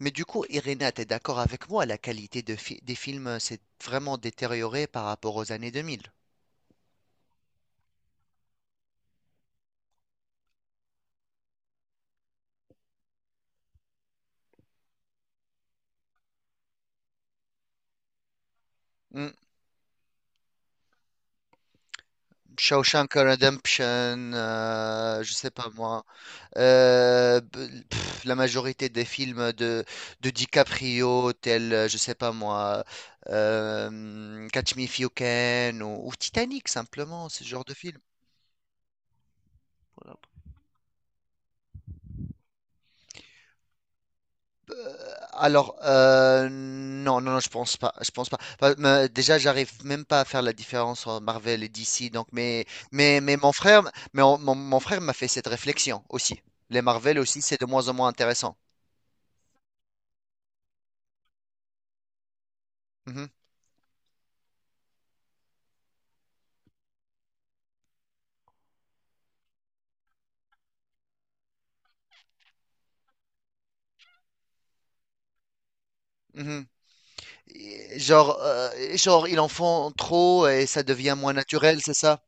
Mais du coup, Irina, t'es d'accord avec moi, la qualité des films, s'est vraiment détériorée par rapport aux années 2000. Hmm. Shawshank Redemption, je sais pas moi. La majorité des films de DiCaprio, tels, je sais pas moi, Catch Me If You Can ou Titanic, simplement, ce genre de film. Alors, non, non, non, je pense pas, je pense pas. Enfin, déjà, j'arrive même pas à faire la différence entre Marvel et DC, donc, mais mon frère, mon mon frère m'a fait cette réflexion aussi. Les Marvel aussi, c'est de moins en moins intéressant. Mhm, mhm. Et genre, ils en font trop et ça devient moins naturel, c'est ça?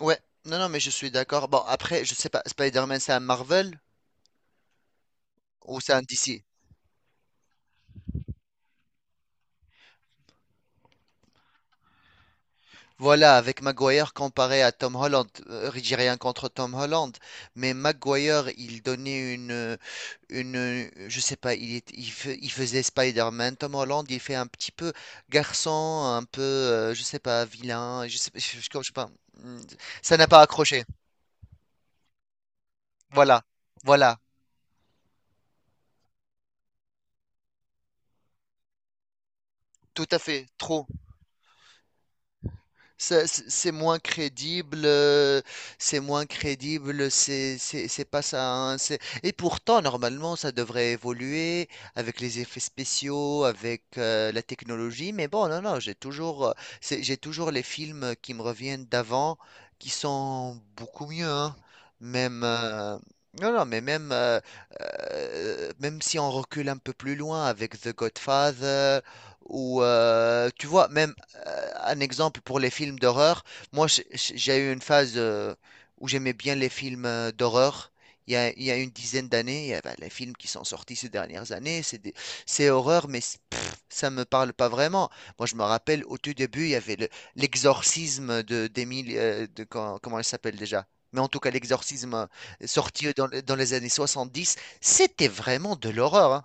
Ouais, non, non, mais je suis d'accord. Bon, après, je sais pas, Spider-Man, c'est un Marvel ou c'est un DC? Voilà, avec Maguire comparé à Tom Holland, j'ai rien contre Tom Holland, mais Maguire, il donnait une, je sais pas, il faisait Spider-Man, Tom Holland, il fait un petit peu garçon, un peu, je sais pas, vilain, je sais pas. Mm. Ça n'a pas accroché. Voilà, voilà. Tout à fait, trop. Ça, c'est moins crédible, c'est moins crédible, c'est pas ça, hein, et pourtant, normalement, ça devrait évoluer avec les effets spéciaux, avec la technologie. Mais bon, non, non, j'ai toujours les films qui me reviennent d'avant qui sont beaucoup mieux, hein. Même, euh, non, non, mais même si on recule un peu plus loin avec The Godfather, ou tu vois, même un exemple pour les films d'horreur. Moi j'ai eu une phase, où j'aimais bien les films, d'horreur. Il y a une dizaine d'années. Bah, les films qui sont sortis ces dernières années, c'est horreur, ça me parle pas vraiment. Moi, je me rappelle au tout début, il y avait le- l'exorcisme de d'Émile, comment elle s'appelle déjà? Mais en tout cas, l'exorcisme, sorti dans les années 70. C'était vraiment de l'horreur, hein.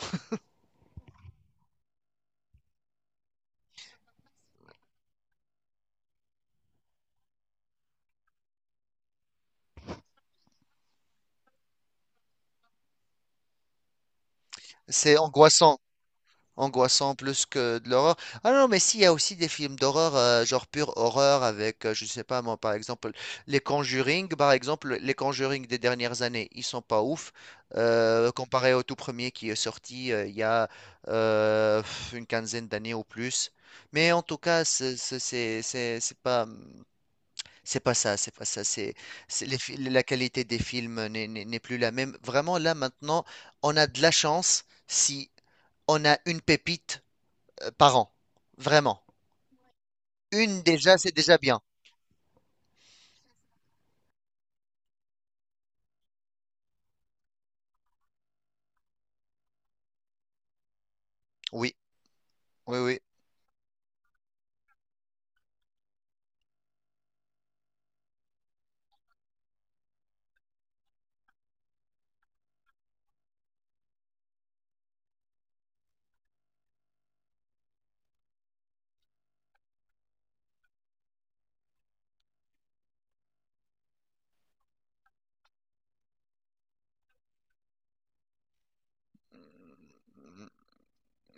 C'est angoissant. Angoissant plus que de l'horreur. Ah non, mais s'il y a aussi des films d'horreur, genre pure horreur avec, je sais pas moi, par exemple, les Conjuring, par exemple, les Conjuring des dernières années, ils sont pas ouf, comparé au tout premier qui est sorti il y a euh, une quinzaine d'années ou plus. Mais en tout cas, c'est pas. C'est pas ça, c'est pas ça. La qualité des films n'est plus la même. Vraiment, là, maintenant, on a de la chance si on a une pépite, par an. Vraiment. Une déjà, c'est déjà bien. Oui, oui, oui.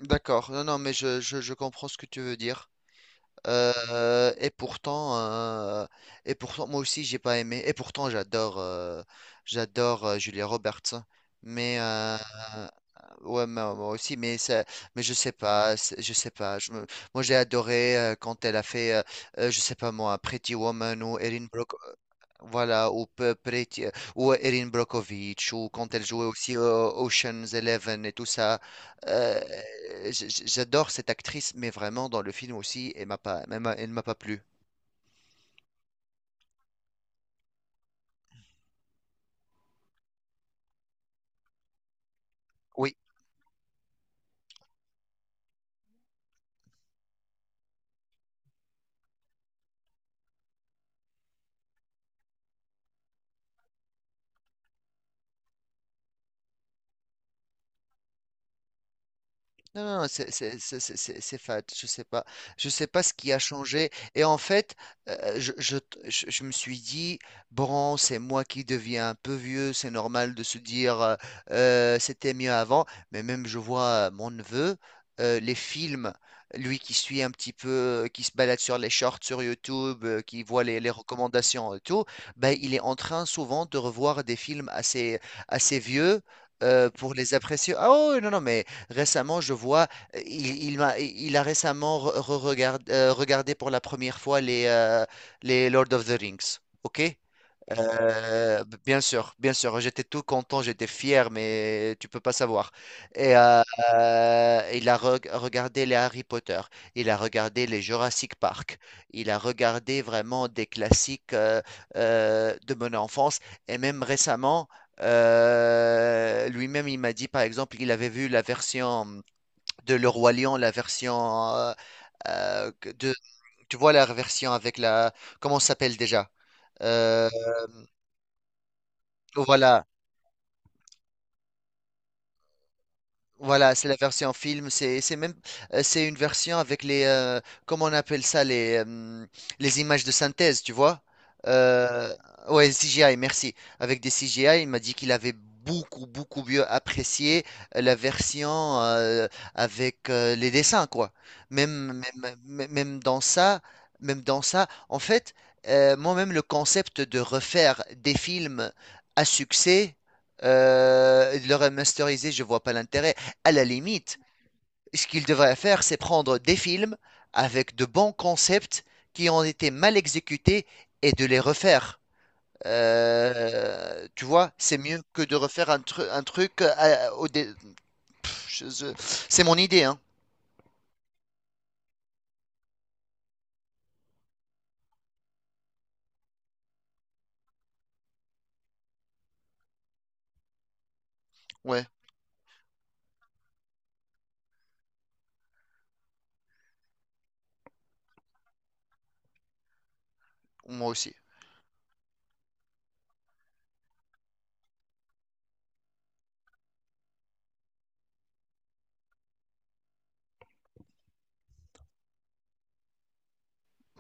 D'accord. Non, non, mais je comprends ce que tu veux dire. Et pourtant, moi aussi, j'ai pas aimé. Et pourtant, j'adore, Julia Roberts. Mais ouais, moi aussi. Mais je sais pas, je sais pas. Moi, j'ai adoré, quand elle a fait, je sais pas moi, Pretty Woman ou Erin Brockovich. Voilà, ou Erin Brockovich, ou quand elle jouait aussi, Ocean's Eleven et tout ça. Euh, J'adore cette actrice, mais vraiment dans le film aussi, elle m'a pas plu. Oui. Non, non, non, c'est fade. Je sais pas. Je sais pas ce qui a changé. Et en fait, euh, je, je, je me suis dit, bon, c'est moi qui deviens un peu vieux. C'est normal de se dire, c'était mieux avant. Mais même, je vois, mon neveu, les films, lui qui suit un petit peu, qui se balade sur les shorts sur YouTube, qui voit les recommandations et tout. Ben, il est en train souvent de revoir des films assez vieux, pour les apprécier. Ah, oh, non, non, mais récemment, je vois, il a récemment regardé pour la première fois les Lord of the Rings. OK? Bien sûr, bien sûr, j'étais tout content, j'étais fier, mais tu peux pas savoir. Et il a regardé les Harry Potter, il a regardé les Jurassic Park, il a regardé vraiment des classiques, de mon enfance, et même récemment, lui-même il m'a dit par exemple qu'il avait vu la version de Le Roi Lion, la version, euh, que- de, tu vois la version avec la, comment ça s'appelle déjà? Euh, voilà. Voilà, c'est la version film. C'est une version avec les, comment on appelle ça, les images de synthèse, tu vois? Euh, ouais, CGI, merci. Avec des CGI, il m'a dit qu'il avait beaucoup beaucoup mieux apprécié, la version, avec les dessins quoi. Même même même même dans ça, en fait, moi-même le concept de refaire des films à succès, et de le remasteriser, je vois pas l'intérêt. À la limite, ce qu'il devrait faire, c'est prendre des films avec de bons concepts qui ont été mal exécutés et de les refaire. Tu vois, c'est mieux que de refaire un truc. Pff, je- je- C'est mon idée, hein. Ouais, moi aussi.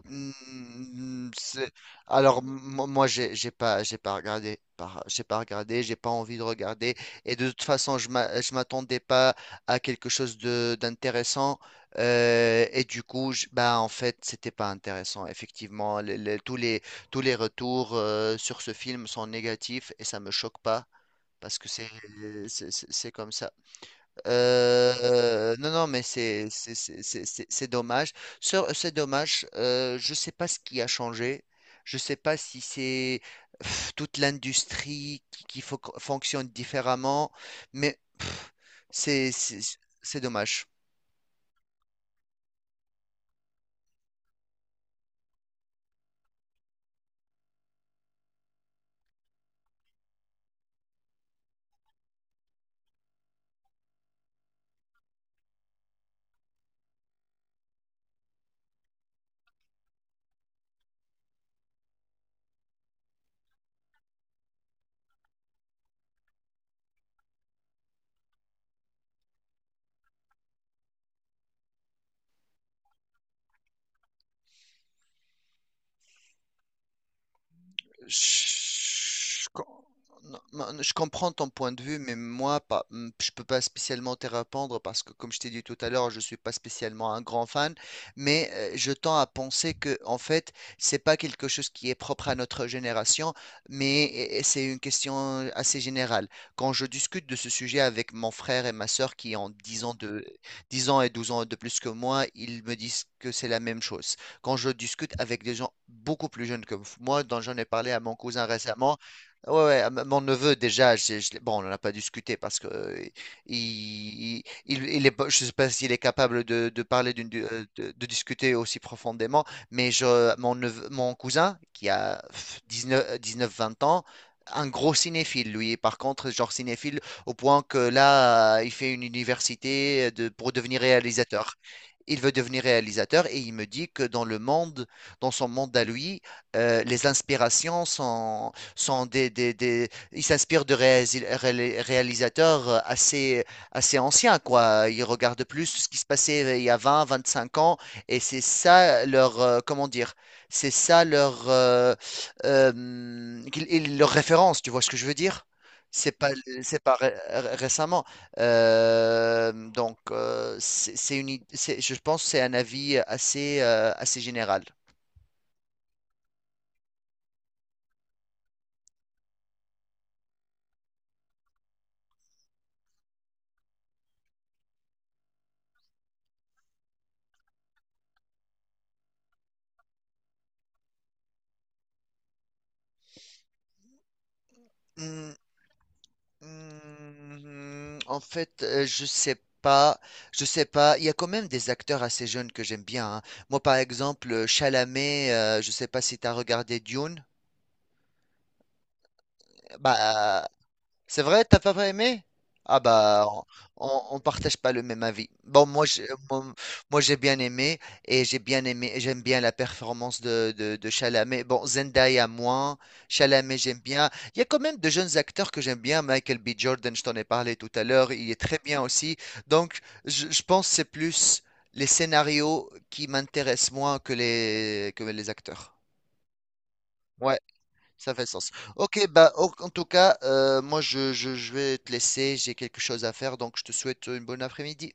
Hmm, c'est- Alors moi j'ai pas regardé par- j'ai pas regardé j'ai pas envie de regarder, et de toute façon je m'attendais pas à quelque chose de d'intéressant, et du coup bah en fait c'était pas intéressant, effectivement. Tous les tous les retours, sur ce film sont négatifs et ça me choque pas, parce que c'est comme ça. Non, non, mais c'est dommage. C'est dommage. Je sais pas ce qui a changé. Je sais pas si c'est, toute l'industrie qui fonctionne différemment, mais c'est c'est c'est dommage. Je, non, non, je comprends ton point de vue, mais moi, pas, je peux pas spécialement te répondre parce que, comme je t'ai dit tout à l'heure, je suis pas spécialement un grand fan, mais je tends à penser que, en fait, c'est pas quelque chose qui est propre à notre génération, mais c'est une question assez générale. Quand je discute de ce sujet avec mon frère et ma sœur qui ont 10 ans et 12 ans de plus que moi, ils me disent que c'est la même chose. Quand je discute avec des gens beaucoup plus jeunes que moi, dont j'en ai parlé à mon cousin récemment, ouais, ouais, mon neveu déjà, bon, on n'en a pas discuté parce que il est, pas- je sais pas s'il est capable de parler de discuter aussi profondément, mais mon cousin qui a 19, 19, 20 ans, un gros cinéphile, lui. Par contre, genre cinéphile au point que là, il fait une université pour devenir réalisateur. Il veut devenir réalisateur et il me dit que dans le monde, dans son monde à lui, les inspirations sont, sont des- il s'inspire de réalisateurs assez anciens, quoi. Il regarde plus ce qui se passait, il y a 20, 25 ans et c'est ça leur, comment dire? C'est ça leur... qu'il- il- leur référence, tu vois ce que je veux dire? C'est pas, c'est pas récemment. Donc, c'est une, id- c'est- je pense que c'est un avis assez, assez général. Hmm, En fait, je sais pas, je sais pas. Il y a quand même des acteurs assez jeunes que j'aime bien, hein. Moi, par exemple, Chalamet. Je sais pas si tu as regardé Dune. Bah, c'est vrai, t'as pas aimé? Ah bah, on partage pas le même avis. Bon, moi, j'ai bien aimé et j'ai bien aimé, j'aime bien la performance de Chalamet. Bon, Zendaya moins, Chalamet j'aime bien. Il y a quand même de jeunes acteurs que j'aime bien. Michael B. Jordan, je t'en ai parlé tout à l'heure, il est très bien aussi. Donc, je pense que c'est plus les scénarios qui m'intéressent moins que les acteurs. Ouais. Ça fait sens. Ok, bah en tout cas, moi je vais te laisser, j'ai quelque chose à faire, donc je te souhaite une bonne après-midi.